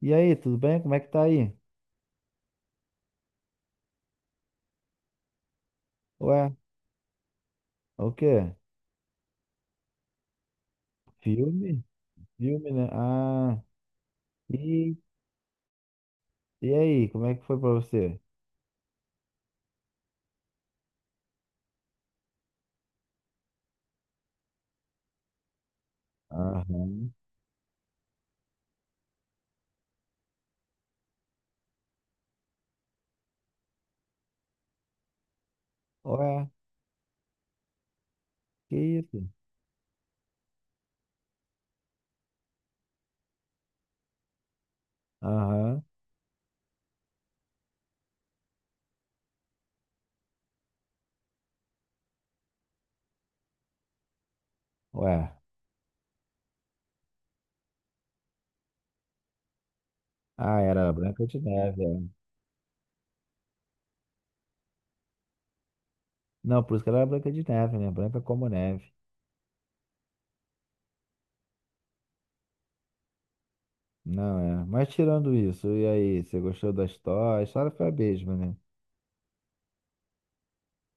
E aí, tudo bem? Como é que tá aí? Ué, é o quê? Filme? Filme, né? Ah, e, e aí, como é que foi pra você? Aham. Ué, que isso? Aham. Ué. Ah, era Branca de Neve, é. Não, por isso que ela era Branca de Neve, né? Branca como neve. Não, é. Mas tirando isso, e aí, você gostou da história? A história foi a mesma, né?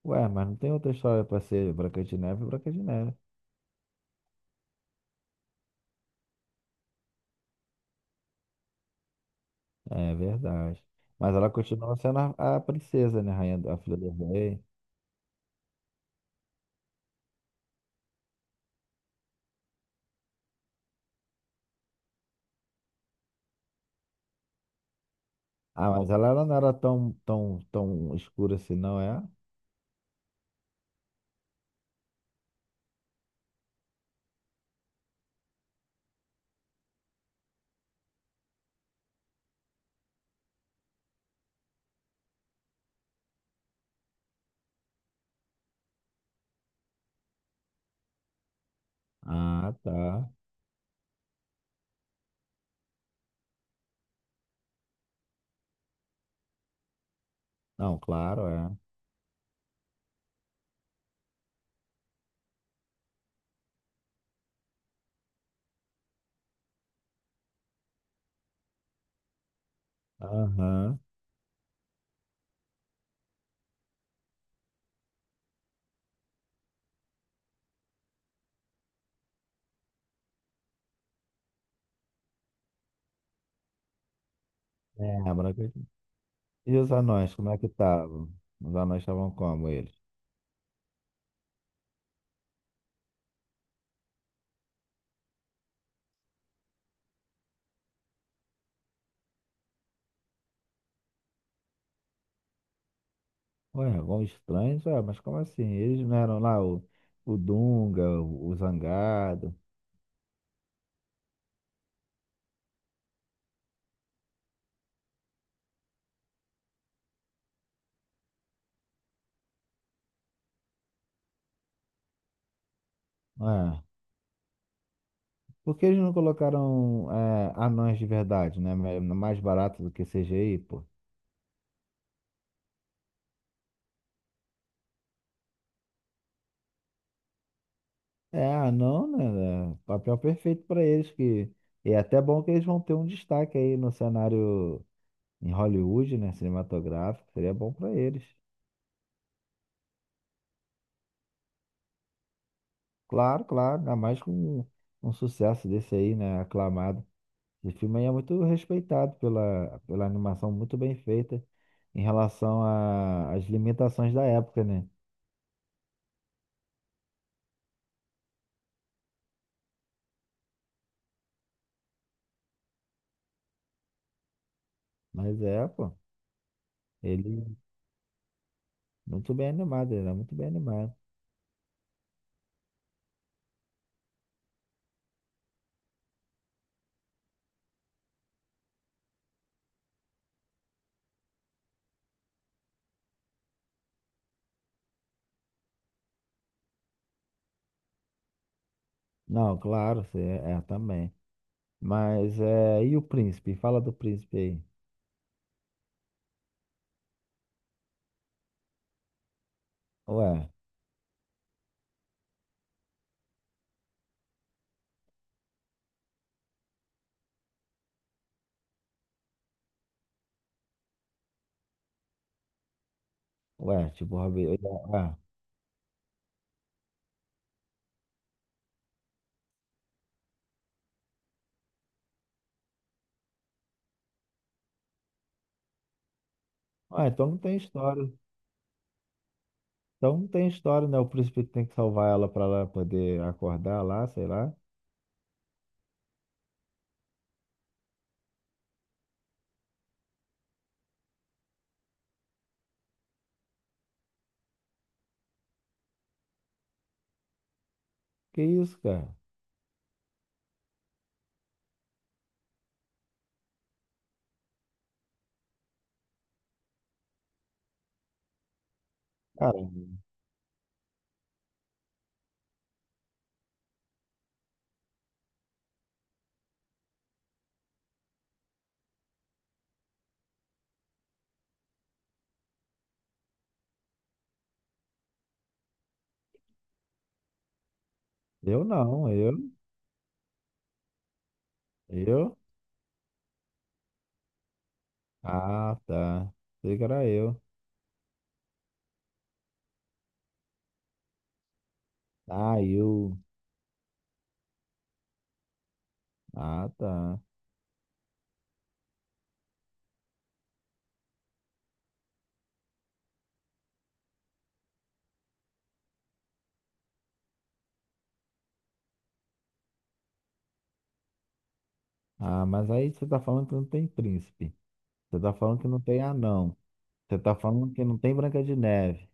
Ué, mas não tem outra história pra ser Branca de Neve, Branca de Neve. É verdade. Mas ela continuava sendo a princesa, né? Rainha, a filha do rei. Ah, mas ela não era tão, tão, tão escura assim, não é? Ah, tá. Não, claro, é. Aham. É, E os anões, como é que estavam? Os anões estavam como eles? Ué, vão estranhos? Ué, mas como assim? Eles não eram lá o Dunga, o Zangado? Ué, por que eles não colocaram anões de verdade, né? Mais barato do que CGI, pô? É, ah, não, né? É papel perfeito para eles, que é até bom que eles vão ter um destaque aí no cenário em Hollywood, né? Cinematográfico, seria bom para eles. Claro, claro, ainda mais com um sucesso desse aí, né? Aclamado. Esse filme aí é muito respeitado pela animação muito bem feita em relação às limitações da época, né? Mas é, pô, ele ele é muito bem animado. Não, claro, é, também. Mas é. E o príncipe? Fala do príncipe aí. Ué, ué, tipo, Robin. Ué, ué, então não tem história. Então não tem história, né? O príncipe que tem que salvar ela pra ela poder acordar lá, sei lá. Que isso, cara? Cara, eu não, eu. Eu? Ah, tá. Sei que era eu. Ah, eu. Ah, tá. Ah, mas aí você tá falando que não tem príncipe. Você tá falando que não tem anão. Você tá falando que não tem Branca de Neve.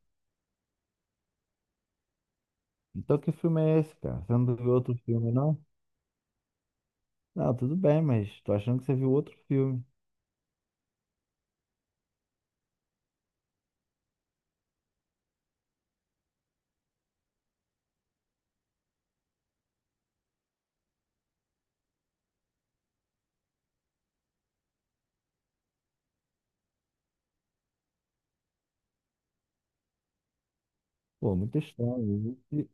Então que filme é esse, cara? Você não viu outro filme, não? Não, tudo bem, mas tô achando que você viu outro filme. Pô, muito estranho.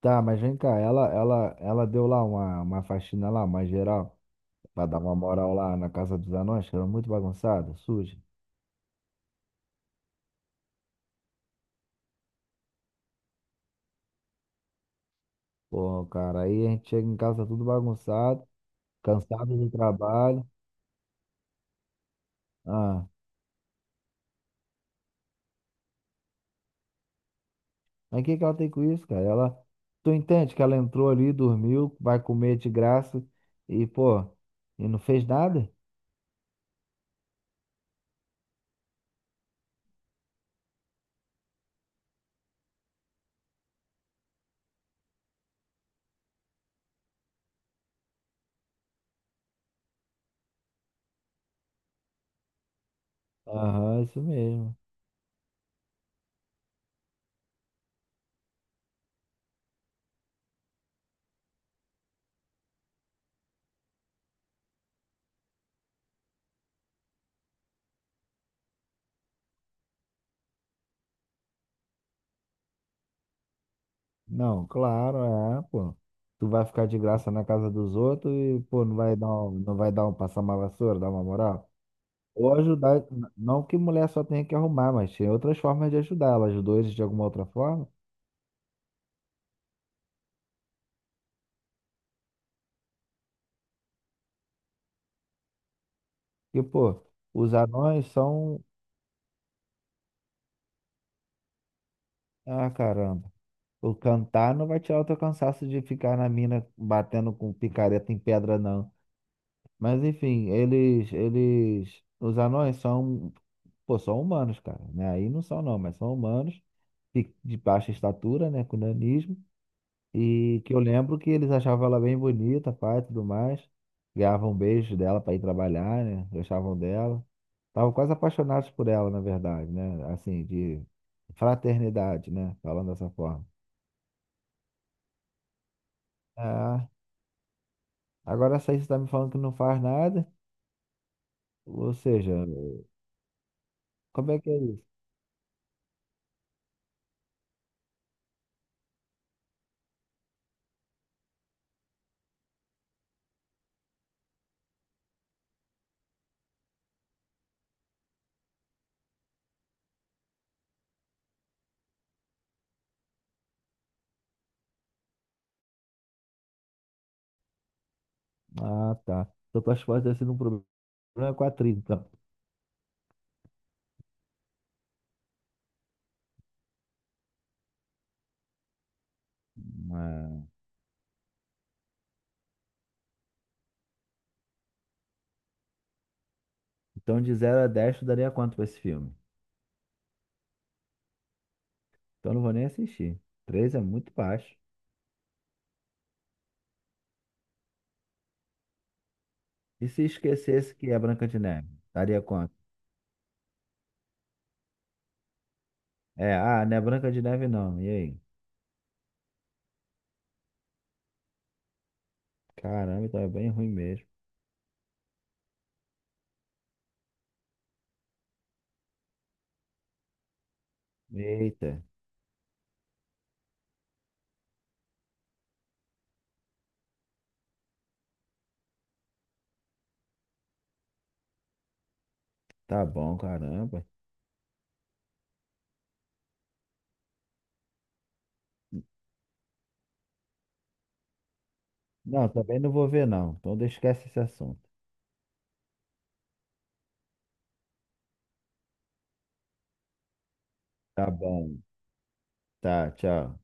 Tá, mas vem cá, ela deu lá uma faxina lá, mais geral, pra dar uma moral lá na casa dos anões, que era muito bagunçada, suja. Pô, cara, aí a gente chega em casa tudo bagunçado, cansado do trabalho. Ah, mas o que que ela tem com isso, cara? Ela, tu entende que ela entrou ali, dormiu, vai comer de graça e, pô, e não fez nada? Aham, isso mesmo. Não, claro, é, pô. Tu vai ficar de graça na casa dos outros e, pô, não vai dar um passar uma vassoura, dar uma moral. Ou ajudar, não que mulher só tenha que arrumar, mas tem outras formas de ajudar. Ela ajudou eles de alguma outra forma. E, pô, os anões são. Ah, caramba. O cantar não vai tirar o teu cansaço de ficar na mina batendo com picareta em pedra, não. Mas, enfim, eles, os anões são Pô, são humanos, cara, né? Aí não são não, mas são humanos de baixa estatura, né? Com nanismo. E que eu lembro que eles achavam ela bem bonita, pai, e tudo mais. Ganhavam beijos dela pra ir trabalhar, né? Gostavam dela. Estavam quase apaixonados por ela, na verdade, né? Assim, de fraternidade, né? Falando dessa forma. Ah, agora essa aí você tá me falando que não faz nada. Ou seja, como é que é isso? Ah, tá. Então tuas fotos devem ser um problema com a atriz, então. Então, de 0 a 10, tu daria quanto pra esse filme? Então, eu não vou nem assistir. Três é muito baixo. E se esquecesse que é Branca de Neve? Daria quanto? É, ah, não é Branca de Neve não. E aí? Caramba, então é bem ruim mesmo. Eita, tá bom, caramba. Não, também não vou ver não. Então, esquece esse assunto. Tá bom. Tá, tchau.